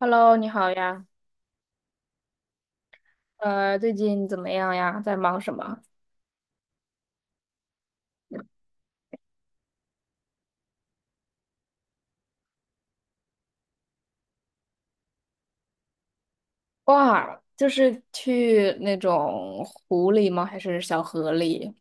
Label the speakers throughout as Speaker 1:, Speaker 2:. Speaker 1: Hello，你好呀，最近怎么样呀？在忙什么？哇，就是去那种湖里吗？还是小河里？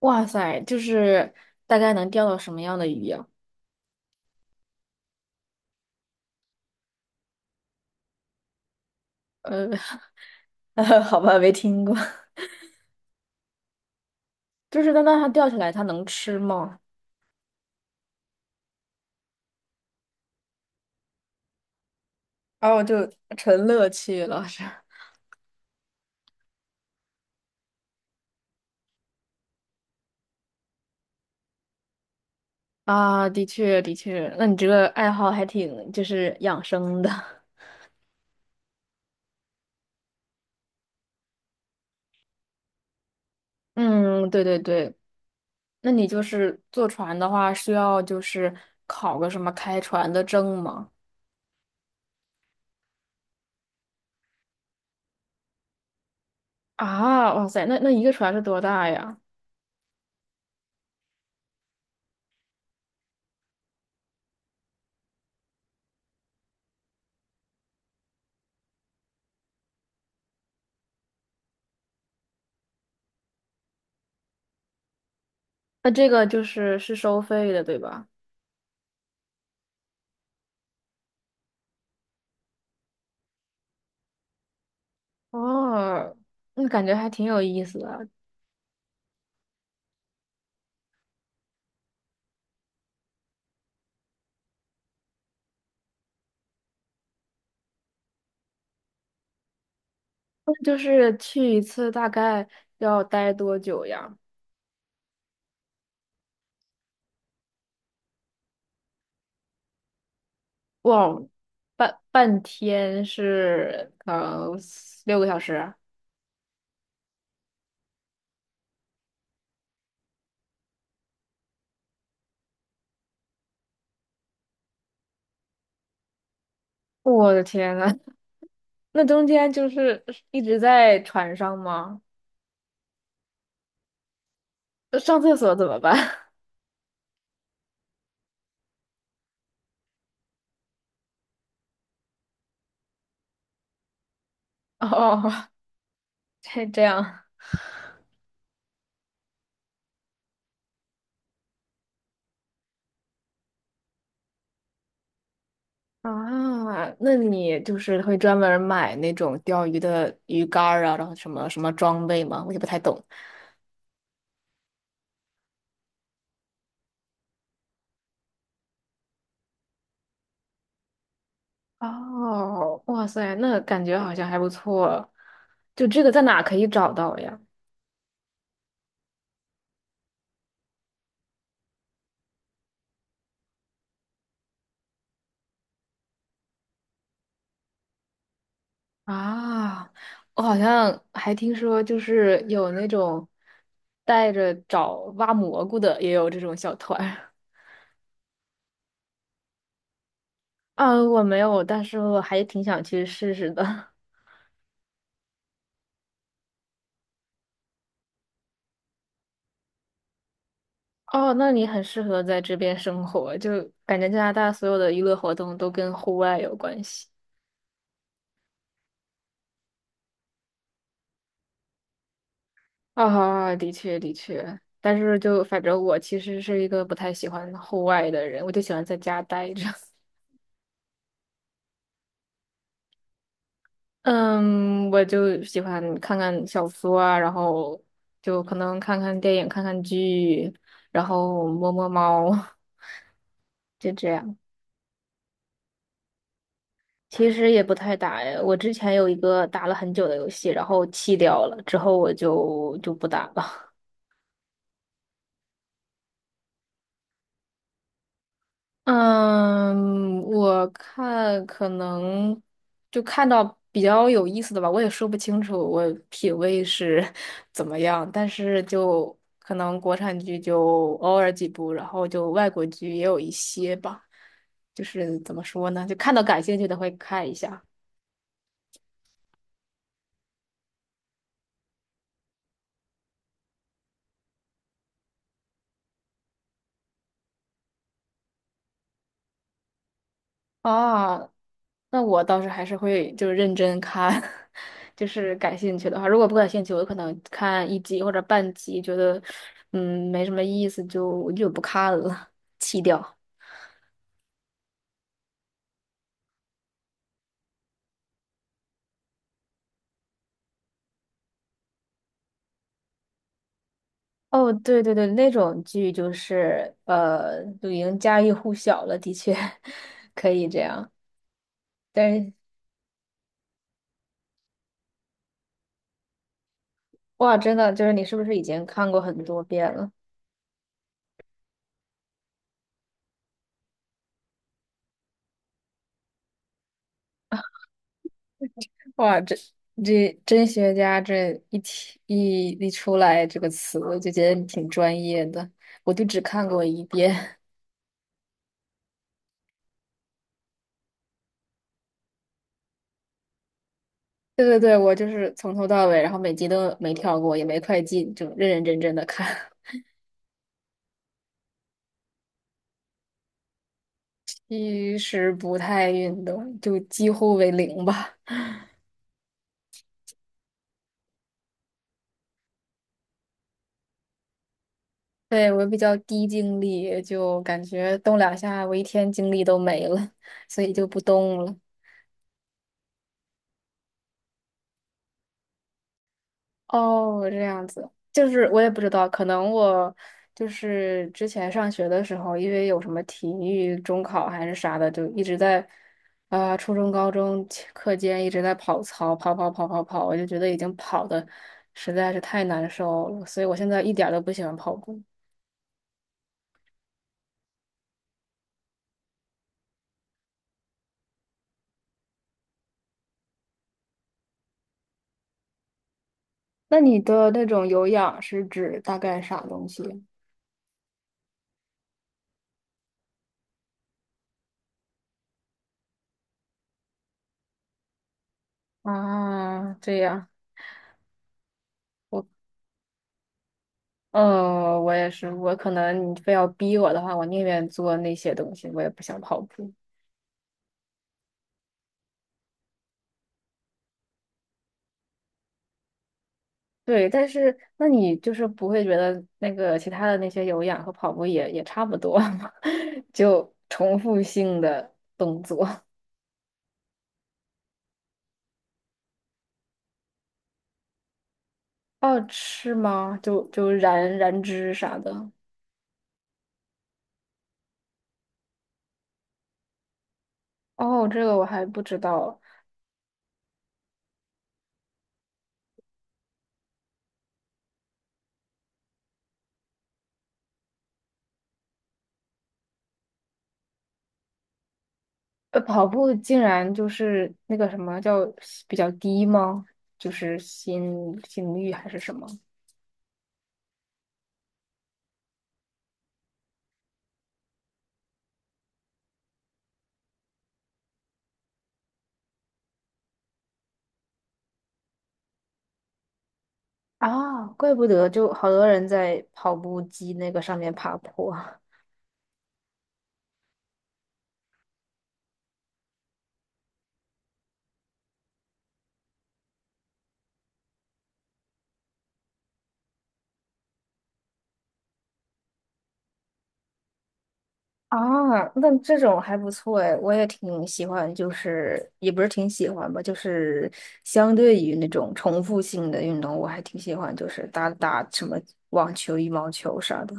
Speaker 1: 哇塞，就是大概能钓到什么样的鱼呀？呃，好吧，没听过 就是那它钓起来，它能吃吗？哦，就纯乐趣了，是。啊，的确的确，那你这个爱好还挺就是养生的。嗯，对对对，那你就是坐船的话，需要就是考个什么开船的证吗？啊，哇塞，那一个船是多大呀？那这个就是收费的，对吧？哦，那感觉还挺有意思的。那就是去一次大概要待多久呀？哇，半天是六个小时。我的天呐，那中间就是一直在船上吗？上厕所怎么办？哦。嘿，这样，啊，那你就是会专门儿买那种钓鱼的鱼竿儿啊，然后什么什么装备吗？我也不太懂。哦，哇塞，那感觉好像还不错。就这个在哪可以找到呀？啊，我好像还听说，就是有那种带着找挖蘑菇的，也有这种小团儿啊，我没有，但是我还挺想去试试的。哦，那你很适合在这边生活，就感觉加拿大所有的娱乐活动都跟户外有关系。啊、的确的确，但是就反正我其实是一个不太喜欢户外的人，我就喜欢在家待着。嗯，我就喜欢看看小说啊，然后就可能看看电影、看看剧，然后摸摸猫，就这样。其实也不太打呀，我之前有一个打了很久的游戏，然后弃掉了，之后我就不打了。嗯，我看可能就看到比较有意思的吧，我也说不清楚我品味是 怎么样，但是就可能国产剧就偶尔几部，然后就外国剧也有一些吧，就是怎么说呢，就看到感兴趣的会看一下。啊，那我倒是还是会就是认真看，就是感兴趣的话，如果不感兴趣，我可能看一集或者半集，觉得嗯没什么意思，我就不看了，弃掉。哦，对对对，那种剧就是就已经家喻户晓了，的确 可以这样。但是哇，真的就是你是不是已经看过很多遍了？哇，这真学家这一提出来这个词，我就觉得你挺专业的。我就只看过一遍，对对对，我就是从头到尾，然后每集都没跳过，也没快进，就认认真真的看。其实不太运动，就几乎为零吧。对，我比较低精力，就感觉动两下，我一天精力都没了，所以就不动了。哦，这样子，就是我也不知道，可能我就是之前上学的时候，因为有什么体育中考还是啥的，就一直在啊、初中、高中期课间一直在跑操，跑跑跑跑跑，我就觉得已经跑的实在是太难受了，所以我现在一点儿都不喜欢跑步。那你的那种有氧是指大概啥东西？啊。这样，我嗯，我也是，我可能你非要逼我的话，我宁愿做那些东西，我也不想跑步。对，但是那你就是不会觉得那个其他的那些有氧和跑步也差不多吗？就重复性的动作。哦，是吗？就燃脂啥的。哦，这个我还不知道。跑步竟然就是那个什么叫比较低吗？就是心率还是什么？啊，怪不得就好多人在跑步机那个上面爬坡。啊，那这种还不错哎，我也挺喜欢，就是也不是挺喜欢吧，就是相对于那种重复性的运动，我还挺喜欢，就是打打什么网球、羽毛球啥的，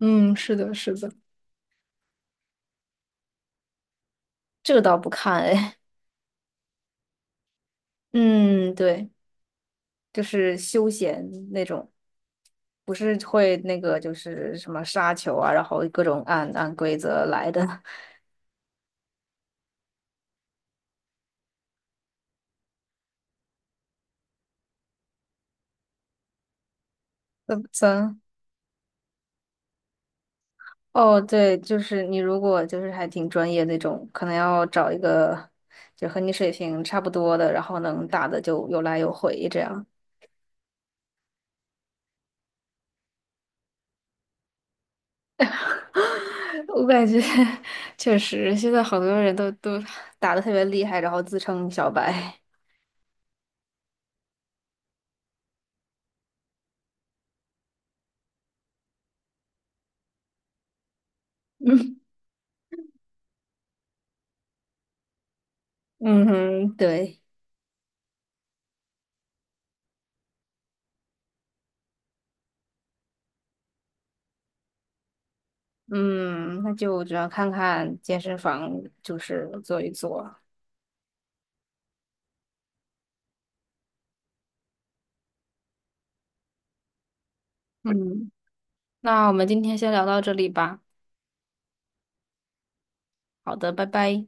Speaker 1: 嗯，是的，是的。这个倒不看哎。嗯，对，就是休闲那种，不是会那个就是什么杀球啊，然后各种按规则来的，那咱。哦，对，就是你如果就是还挺专业那种，可能要找一个就和你水平差不多的，然后能打的就有来有回这样。我感觉确实，现在好多人都打的特别厉害，然后自称小白。嗯嗯哼，对，嗯，那就只能看看健身房，就是做一做。嗯，那我们今天先聊到这里吧。好的，拜拜。